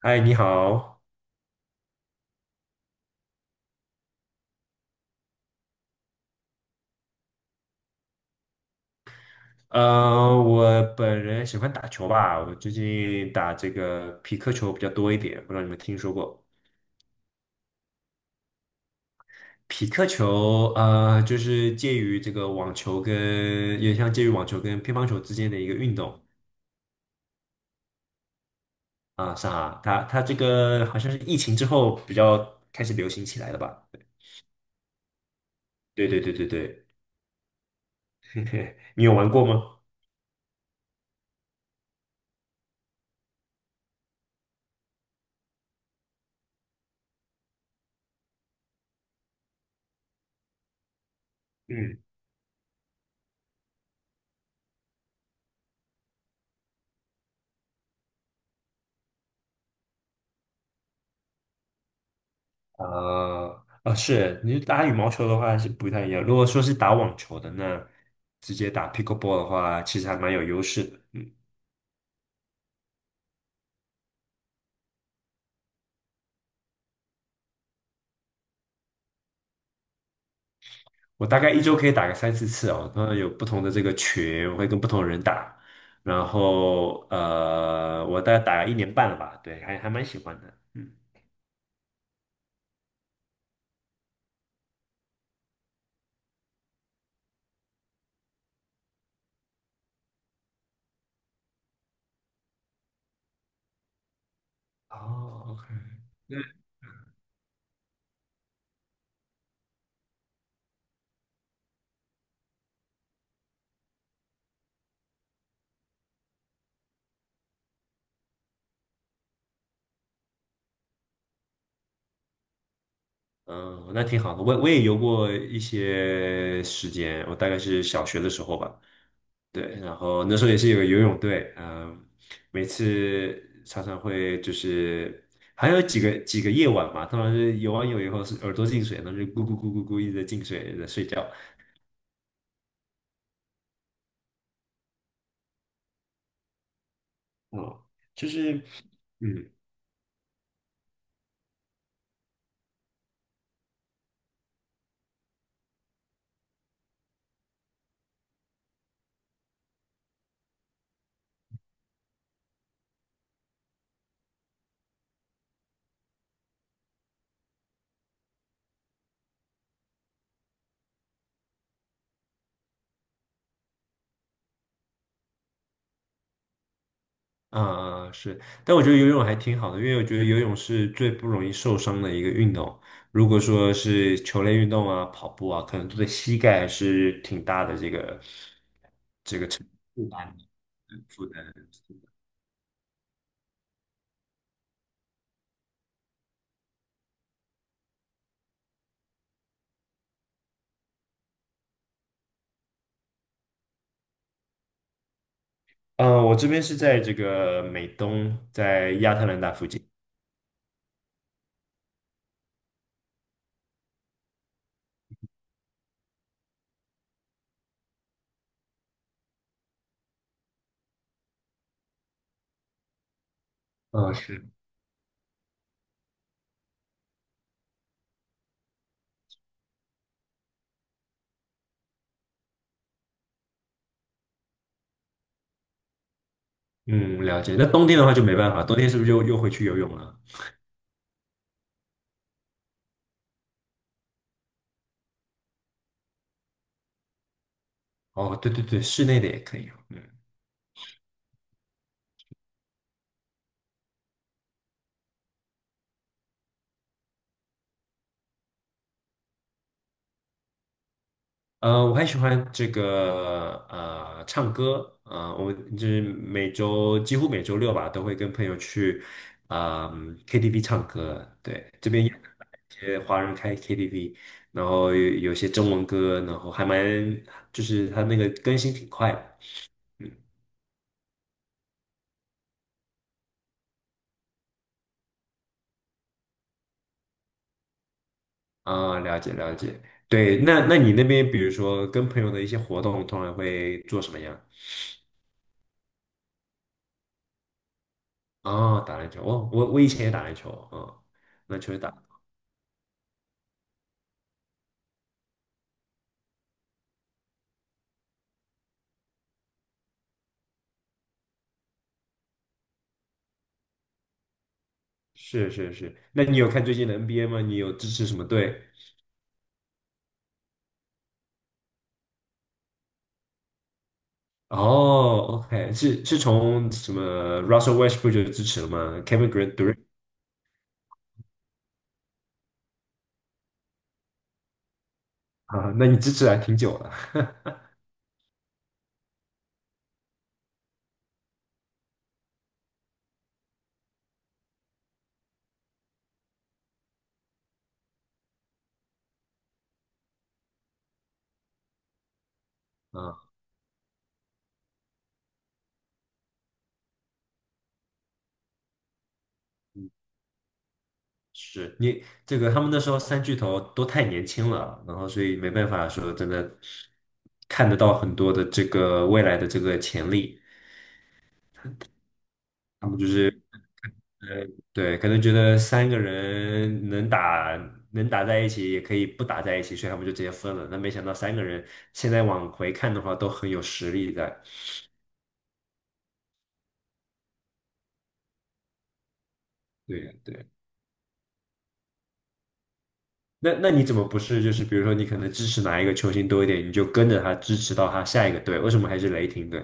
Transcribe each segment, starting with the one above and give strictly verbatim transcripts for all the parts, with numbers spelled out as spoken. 嗨，你好。呃，我本人喜欢打球吧，我最近打这个匹克球比较多一点，不知道你们听说过？匹克球，呃，就是介于这个网球跟，也像介于网球跟乒乓球之间的一个运动啊，是啊，它它这个好像是疫情之后比较开始流行起来的吧？对对对对对，你有玩过吗？嗯。啊啊，是你打羽毛球的话是不太一样。如果说是打网球的，那直接打 pickleball 的话，其实还蛮有优势的。嗯，我大概一周可以打个三四次哦，那有不同的这个群，我会跟不同的人打。然后呃，我大概打了一年半了吧，对，还还蛮喜欢的。嗯，哦，OK,那嗯，那挺好的。我我也游过一些时间，我大概是小学的时候吧。对，然后那时候也是有个游泳队，嗯，每次常常会就是还有几个几个夜晚嘛，通常是游完泳以后是耳朵进水，然后就咕咕咕咕咕一直在进水，在睡觉。嗯，就是嗯啊是，但我觉得游泳还挺好的，因为我觉得游泳是最不容易受伤的一个运动。如果说是球类运动啊、跑步啊，可能对膝盖还是挺大的这个负担负担。嗯，我这边是在这个美东，在亚特兰大附近。嗯，是。嗯，了解。那冬天的话就没办法，冬天是不是就又回去游泳了？哦，对对对，室内的也可以哦。嗯，呃，我还喜欢这个呃唱歌，呃，我就是每周几乎每周六吧，都会跟朋友去啊、K T V 唱歌。对，这边有一些华人开 K T V,然后有有些中文歌，然后还蛮就是它那个更新挺快的。嗯。啊，了解了解。对，那那你那边，比如说跟朋友的一些活动，通常会做什么样？哦，打篮球。哦，我我以前也打篮球，嗯，篮球也打。是是是。那你有看最近的 N B A 吗？你有支持什么队？哦，OK,是是从什么 Russell Westbrook 就支持了吗？Kevin Durant 啊，那你支持还挺久了。啊。是你这个，他们那时候三巨头都太年轻了，然后所以没办法说真的看得到很多的这个未来的这个潜力。他们就是呃，对，可能觉得三个人能打能打在一起，也可以不打在一起，所以他们就直接分了。那没想到三个人现在往回看的话，都很有实力在。对呀对。那那你怎么不是就是比如说你可能支持哪一个球星多一点，你就跟着他支持到他下一个队？为什么还是雷霆队？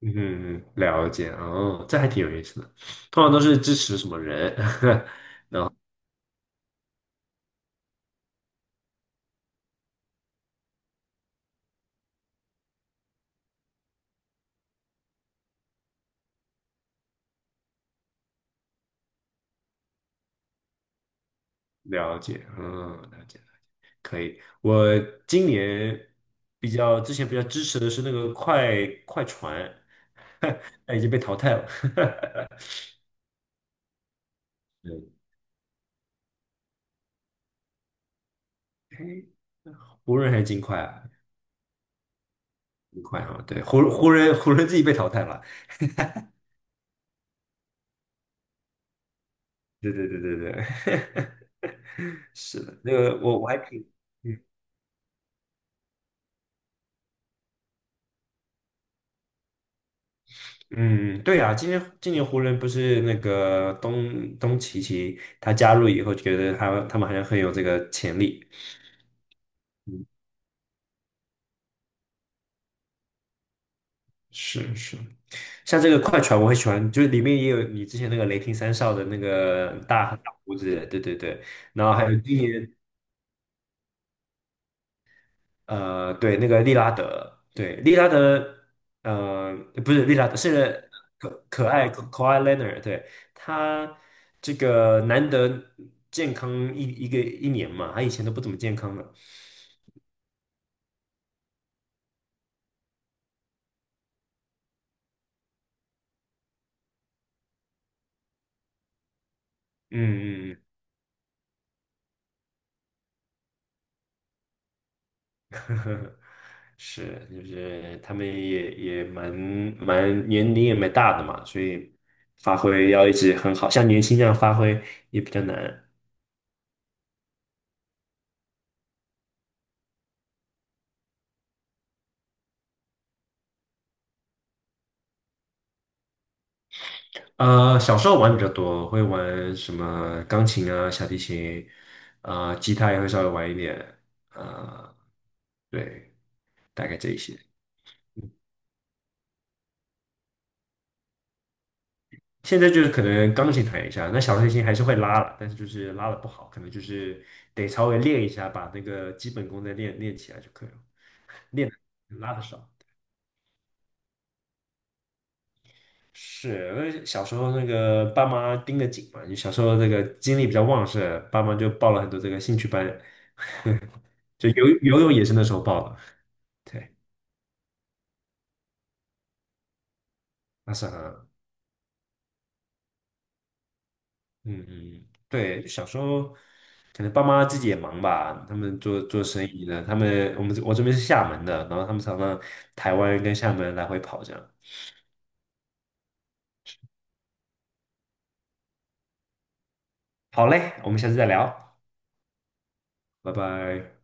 嗯，了解哦，这还挺有意思的。通常都是支持什么人？了解，嗯，了解，可以。我今年比较之前比较支持的是那个快快船，但已经被淘汰了。嗯，诶湖人还是金块啊？金块啊，对，湖湖人湖人自己被淘汰了。对对对对对，是的，那个我我还挺。嗯嗯，对呀，今年今年湖人不是那个东东契奇他加入以后，觉得他他们好像很有这个潜力。是是，像这个快船我很喜欢，就是里面也有你之前那个雷霆三少的那个大大胡子，对对对。然后还有今年呃，对，那个利拉德，对，利拉德，呃，不是利拉德，是可可爱可爱 w h Leonard,对，他这个难得健康一一个一年嘛，他以前都不怎么健康的，嗯嗯嗯，呵呵，是，就是他们也也蛮蛮年龄也蛮大的嘛，所以发挥要一直很好，像年轻这样发挥也比较难。呃，小时候玩比较多，会玩什么钢琴啊、小提琴，呃，吉他也会稍微玩一点，呃，对，大概这一些。现在就是可能钢琴弹一下，那小提琴还是会拉了，但是就是拉的不好，可能就是得稍微练一下，把那个基本功再练练起来就可以了。练得拉的少，是因为小时候那个爸妈盯得紧嘛，你小时候那个精力比较旺盛，爸妈就报了很多这个兴趣班，就游游泳也是那时候报的，对，那是很。嗯嗯，对，小时候可能爸妈自己也忙吧，他们做做生意的，他们我们我这边是厦门的，然后他们常常台湾跟厦门来回跑这样。好嘞，我们下次再聊，拜拜。